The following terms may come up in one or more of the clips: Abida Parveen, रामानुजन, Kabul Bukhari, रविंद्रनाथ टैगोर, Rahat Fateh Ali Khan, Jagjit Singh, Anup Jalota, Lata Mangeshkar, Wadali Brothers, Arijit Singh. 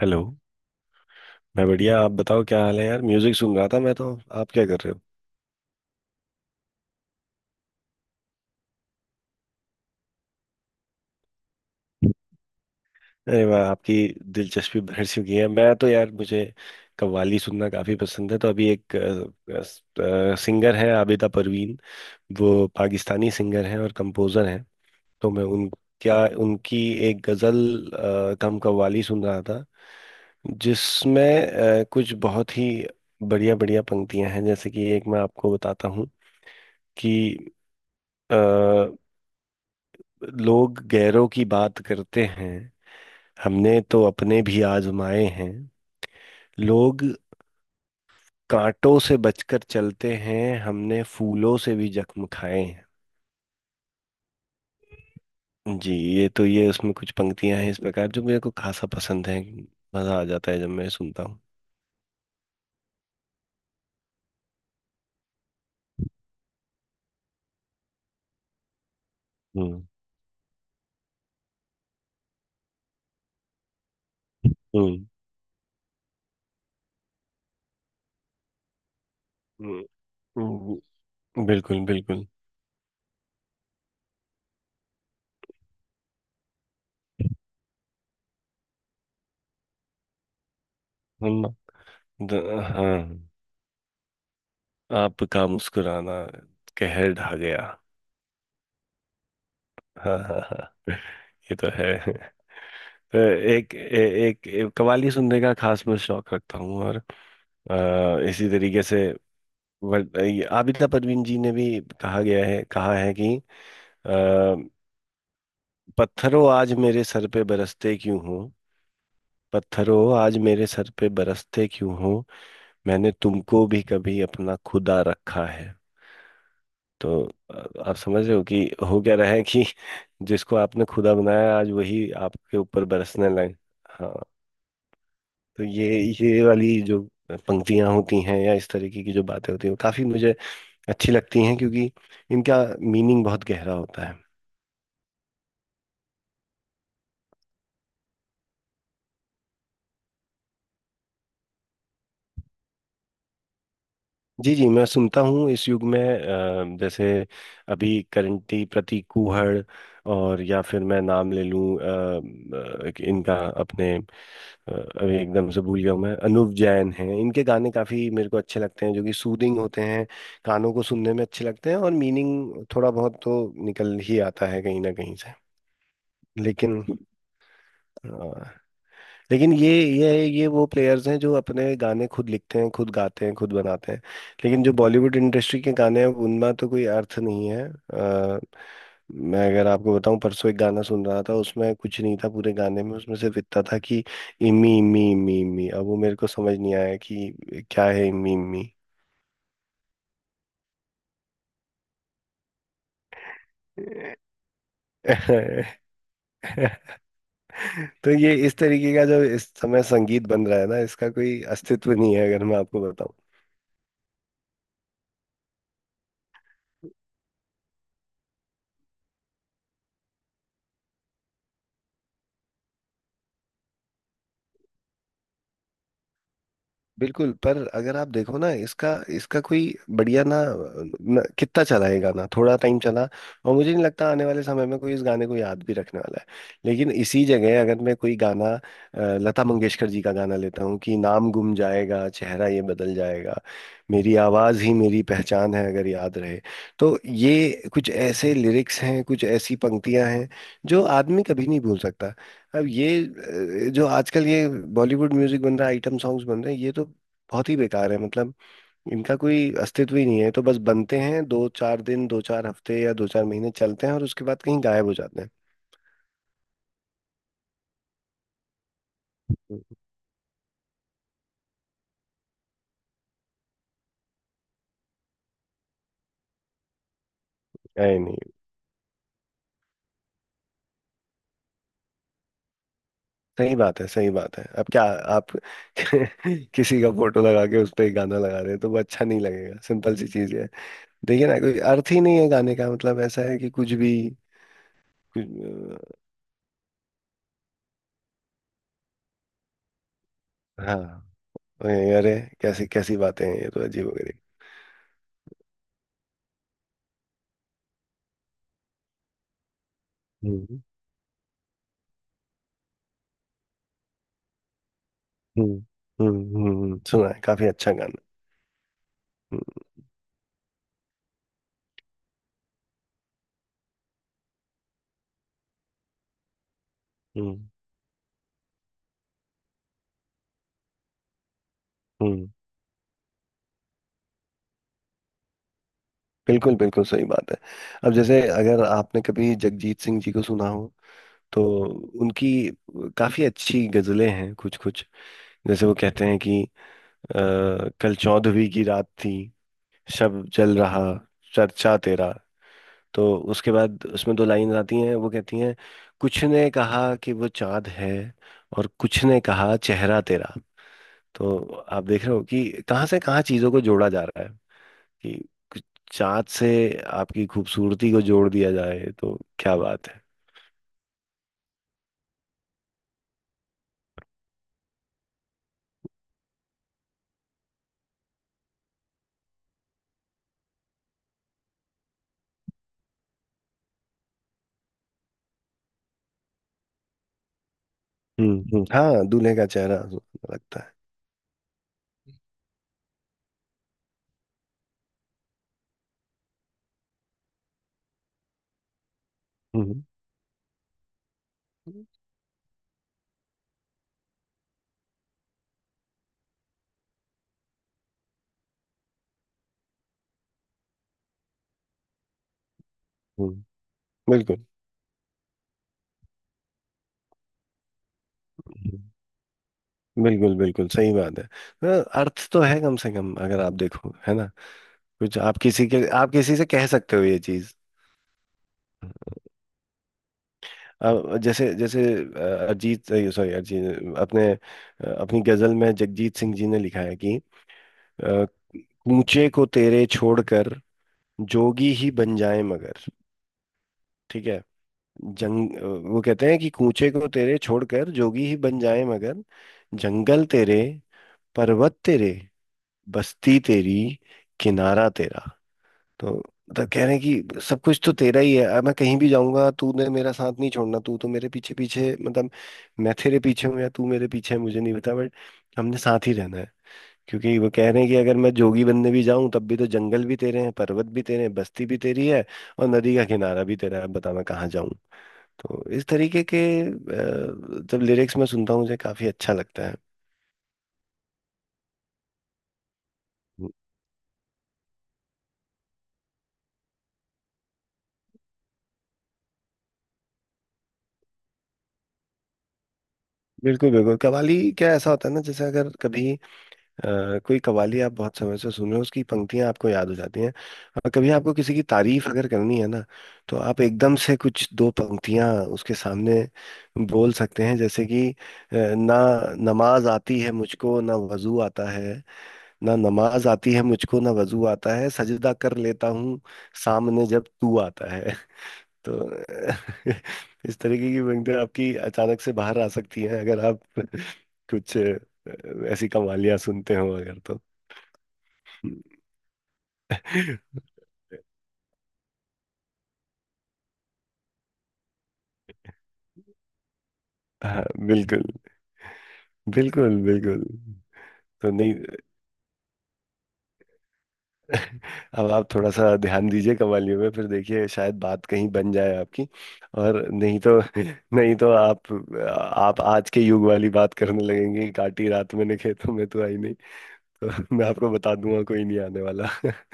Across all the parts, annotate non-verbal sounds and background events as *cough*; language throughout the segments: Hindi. हेलो। मैं बढ़िया, आप बताओ क्या हाल है यार। म्यूजिक सुन रहा था मैं तो। आप क्या कर रहे हो? अरे वाह, आपकी दिलचस्पी बढ़ चुकी है। मैं तो यार, मुझे कव्वाली सुनना काफी पसंद है। तो अभी एक सिंगर है, आबिदा परवीन, वो पाकिस्तानी सिंगर हैं और कंपोजर हैं। तो मैं उन, क्या, उनकी एक गजल कम कव्वाली सुन रहा था, जिसमें कुछ बहुत ही बढ़िया बढ़िया पंक्तियां हैं। जैसे कि एक मैं आपको बताता हूँ कि लोग गैरों की बात करते हैं, हमने तो अपने भी आजमाए हैं। लोग कांटों से बचकर चलते हैं, हमने फूलों से भी जख्म खाए हैं। जी, ये तो, ये उसमें कुछ पंक्तियां हैं इस प्रकार जो मेरे को खासा पसंद है। मजा आ जाता है जब मैं सुनता हूँ। हम्म। हम्म। हम्म, हम्म, बिल्कुल बिल्कुल। हम द, हाँ, आपका मुस्कुराना कहर ढा गया। *laughs* हाँ हाँ हाँ। ये तो है। तो एक एक कव्वाली सुनने का खास मैं शौक रखता हूँ। और इसी तरीके से ये आबिदा परवीन जी ने भी कहा गया है, कहा है कि अ, पत्थरों आज मेरे सर पे बरसते क्यों हो, पत्थरों आज मेरे सर पे बरसते क्यों हो, मैंने तुमको भी कभी अपना खुदा रखा है। तो आप समझ रहे हो कि हो क्या रहा है कि जिसको आपने खुदा बनाया आज वही आपके ऊपर बरसने लगे। हाँ। तो ये वाली जो पंक्तियां होती हैं या इस तरीके की जो बातें होती हैं वो काफी मुझे अच्छी लगती हैं, क्योंकि इनका मीनिंग बहुत गहरा होता है। जी जी, मैं सुनता हूँ। इस युग में जैसे अभी करंटी प्रतीक कुहड़, और या फिर मैं नाम ले लूँ इनका, अपने अभी एकदम से भूल गया हूं मैं, अनूप जैन हैं, इनके गाने काफ़ी मेरे को अच्छे लगते हैं जो कि सूदिंग होते हैं, कानों को सुनने में अच्छे लगते हैं। और मीनिंग थोड़ा बहुत तो निकल ही आता है कहीं ना कहीं से। लेकिन, लेकिन ये ये वो प्लेयर्स हैं जो अपने गाने खुद लिखते हैं, खुद गाते हैं, खुद बनाते हैं। लेकिन जो बॉलीवुड इंडस्ट्री के गाने हैं उनमें तो कोई अर्थ नहीं है। मैं अगर आपको बताऊं, परसों एक गाना सुन रहा था, उसमें कुछ नहीं था पूरे गाने में, उसमें सिर्फ इतना था कि इमी इमी इमी इमी। अब वो मेरे को समझ नहीं आया कि क्या है इमी इमी। *laughs* तो ये इस तरीके का जो इस समय संगीत बन रहा है ना, इसका कोई अस्तित्व नहीं है। अगर मैं आपको बिल्कुल, पर अगर आप देखो ना, इसका इसका कोई बढ़िया ना, ना कितना चला ये गाना? थोड़ा टाइम चला, और मुझे नहीं लगता आने वाले समय में कोई इस गाने को याद भी रखने वाला है। लेकिन इसी जगह अगर मैं कोई गाना, लता मंगेशकर जी का गाना लेता हूँ कि नाम गुम जाएगा, चेहरा ये बदल जाएगा, मेरी आवाज ही मेरी पहचान है, अगर याद रहे। तो ये कुछ ऐसे लिरिक्स हैं, कुछ ऐसी पंक्तियां हैं जो आदमी कभी नहीं भूल सकता। अब ये जो आजकल ये बॉलीवुड म्यूजिक बन रहा है, आइटम सॉन्ग्स बन रहे हैं, ये तो बहुत ही बेकार है। मतलब इनका कोई अस्तित्व ही नहीं है। तो बस बनते हैं, दो चार दिन दो चार हफ्ते या दो चार महीने चलते हैं और उसके बाद कहीं गायब हो जाते हैं। नहीं नहीं, सही बात है सही बात है। अब क्या आप *laughs* किसी का फोटो लगा के उस पर गाना लगा रहे हैं तो वो अच्छा नहीं लगेगा, सिंपल सी चीज है। देखिए ना, कोई अर्थ ही नहीं है गाने का। मतलब ऐसा है कि कुछ भी, कुछ हाँ। अरे, कैसी कैसी बातें हैं, ये तो अजीब वगैरह। हम्म। हम्म। सुना है, काफी अच्छा गाना। हम्म। हम्म। हम्म, बिल्कुल बिल्कुल सही बात है। अब जैसे अगर आपने कभी जगजीत सिंह जी को सुना हो तो उनकी काफी अच्छी गजलें हैं कुछ कुछ। जैसे वो कहते हैं कि अ, कल चौदहवीं की रात थी, शब जल रहा, चर्चा तेरा। तो उसके बाद उसमें दो लाइन आती हैं, वो कहती हैं कुछ ने कहा कि वो चांद है, और कुछ ने कहा चेहरा तेरा। तो आप देख रहे हो कि कहाँ से कहाँ चीजों को जोड़ा जा रहा है कि कुछ चाँद से आपकी खूबसूरती को जोड़ दिया जाए तो क्या बात है। हम्म। हाँ, दूल्हे का चेहरा लगता है। हम्म। हम्म, बिल्कुल। हम्म, बिल्कुल बिल्कुल सही बात है। हाँ, अर्थ तो है कम से कम अगर आप देखो है ना। कुछ आप किसी के, आप किसी से कह सकते हो ये चीज। अब जैसे जैसे अरिजीत, सॉरी अरिजीत, अपने अपनी गजल में जगजीत सिंह जी ने लिखा है कि अ, कूचे को तेरे छोड़कर जोगी ही बन जाए मगर, ठीक है, जंग, वो कहते हैं कि कूचे को तेरे छोड़कर जोगी ही बन जाए मगर, जंगल तेरे, पर्वत तेरे, बस्ती तेरी, किनारा तेरा। तो मतलब कह रहे हैं कि सब कुछ तो तेरा ही है। अब मैं कहीं भी जाऊंगा, तूने मेरा साथ नहीं छोड़ना, तू तो मेरे पीछे पीछे, मतलब मैं तेरे पीछे हूँ या तू मेरे पीछे है मुझे नहीं पता, बट हमने साथ ही रहना है। क्योंकि वो कह रहे हैं कि अगर मैं जोगी बनने भी जाऊं, तब भी तो जंगल भी तेरे हैं, पर्वत भी तेरे हैं, बस्ती भी तेरी है, और नदी का किनारा भी तेरा है। अब बता, मैं कहाँ जाऊं। तो इस तरीके के जब लिरिक्स मैं सुनता हूँ, मुझे काफी अच्छा लगता है। बिल्कुल बिल्कुल। कव्वाली क्या, ऐसा होता है ना, जैसे अगर कभी कोई कवाली आप बहुत समय से सुन रहे हो, उसकी पंक्तियां आपको याद हो जाती हैं। और कभी आपको किसी की तारीफ अगर करनी है ना, तो आप एकदम से कुछ दो पंक्तियां उसके सामने बोल सकते हैं। जैसे कि ना, नमाज आती है मुझको ना वजू आता है, ना नमाज आती है मुझको ना वजू आता है, सजदा कर लेता हूँ सामने जब तू आता है। *laughs* तो *laughs* इस तरीके की पंक्तियां आपकी अचानक से बाहर आ सकती हैं अगर आप *laughs* कुछ ऐसी कवालियां सुनते हो अगर तो। *laughs* हाँ बिल्कुल, बिल्कुल बिल्कुल। तो नहीं। *laughs* अब आप थोड़ा सा ध्यान दीजिए कवालियों में, फिर देखिए शायद बात कहीं बन जाए आपकी। और नहीं तो, नहीं तो आप आज के युग वाली बात करने लगेंगे कि काटी रात मैंने खेतों में तो आई नहीं, तो मैं आपको बता दूंगा कोई नहीं आने वाला। *laughs*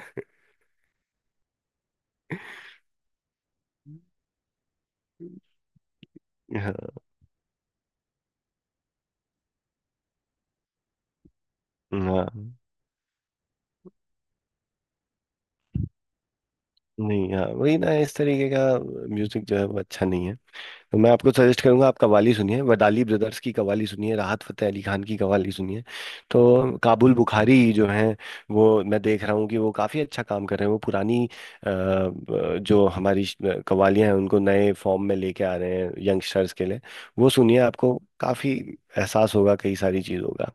हाँ। हाँ, नहीं हाँ वही ना, इस तरीके का म्यूजिक जो है वो अच्छा नहीं है। तो मैं आपको सजेस्ट करूंगा, आप कव्वाली सुनिए, वदाली ब्रदर्स की कव्वाली सुनिए, राहत फतेह अली खान की कव्वाली सुनिए। तो काबुल बुखारी जो हैं, वो मैं देख रहा हूँ कि वो काफ़ी अच्छा काम कर रहे हैं। वो पुरानी जो हमारी कव्वालियाँ हैं, उनको नए फॉर्म में लेके आ रहे हैं यंगस्टर्स के लिए। वो सुनिए, आपको काफ़ी एहसास होगा कई सारी चीज़ों का।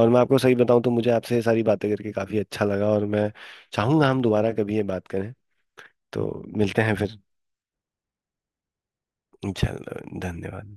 और मैं आपको सही बताऊँ तो मुझे आपसे ये सारी बातें करके काफ़ी अच्छा लगा, और मैं चाहूँगा हम दोबारा कभी ये बात करें। तो मिलते हैं फिर। इंशाल्लाह, धन्यवाद।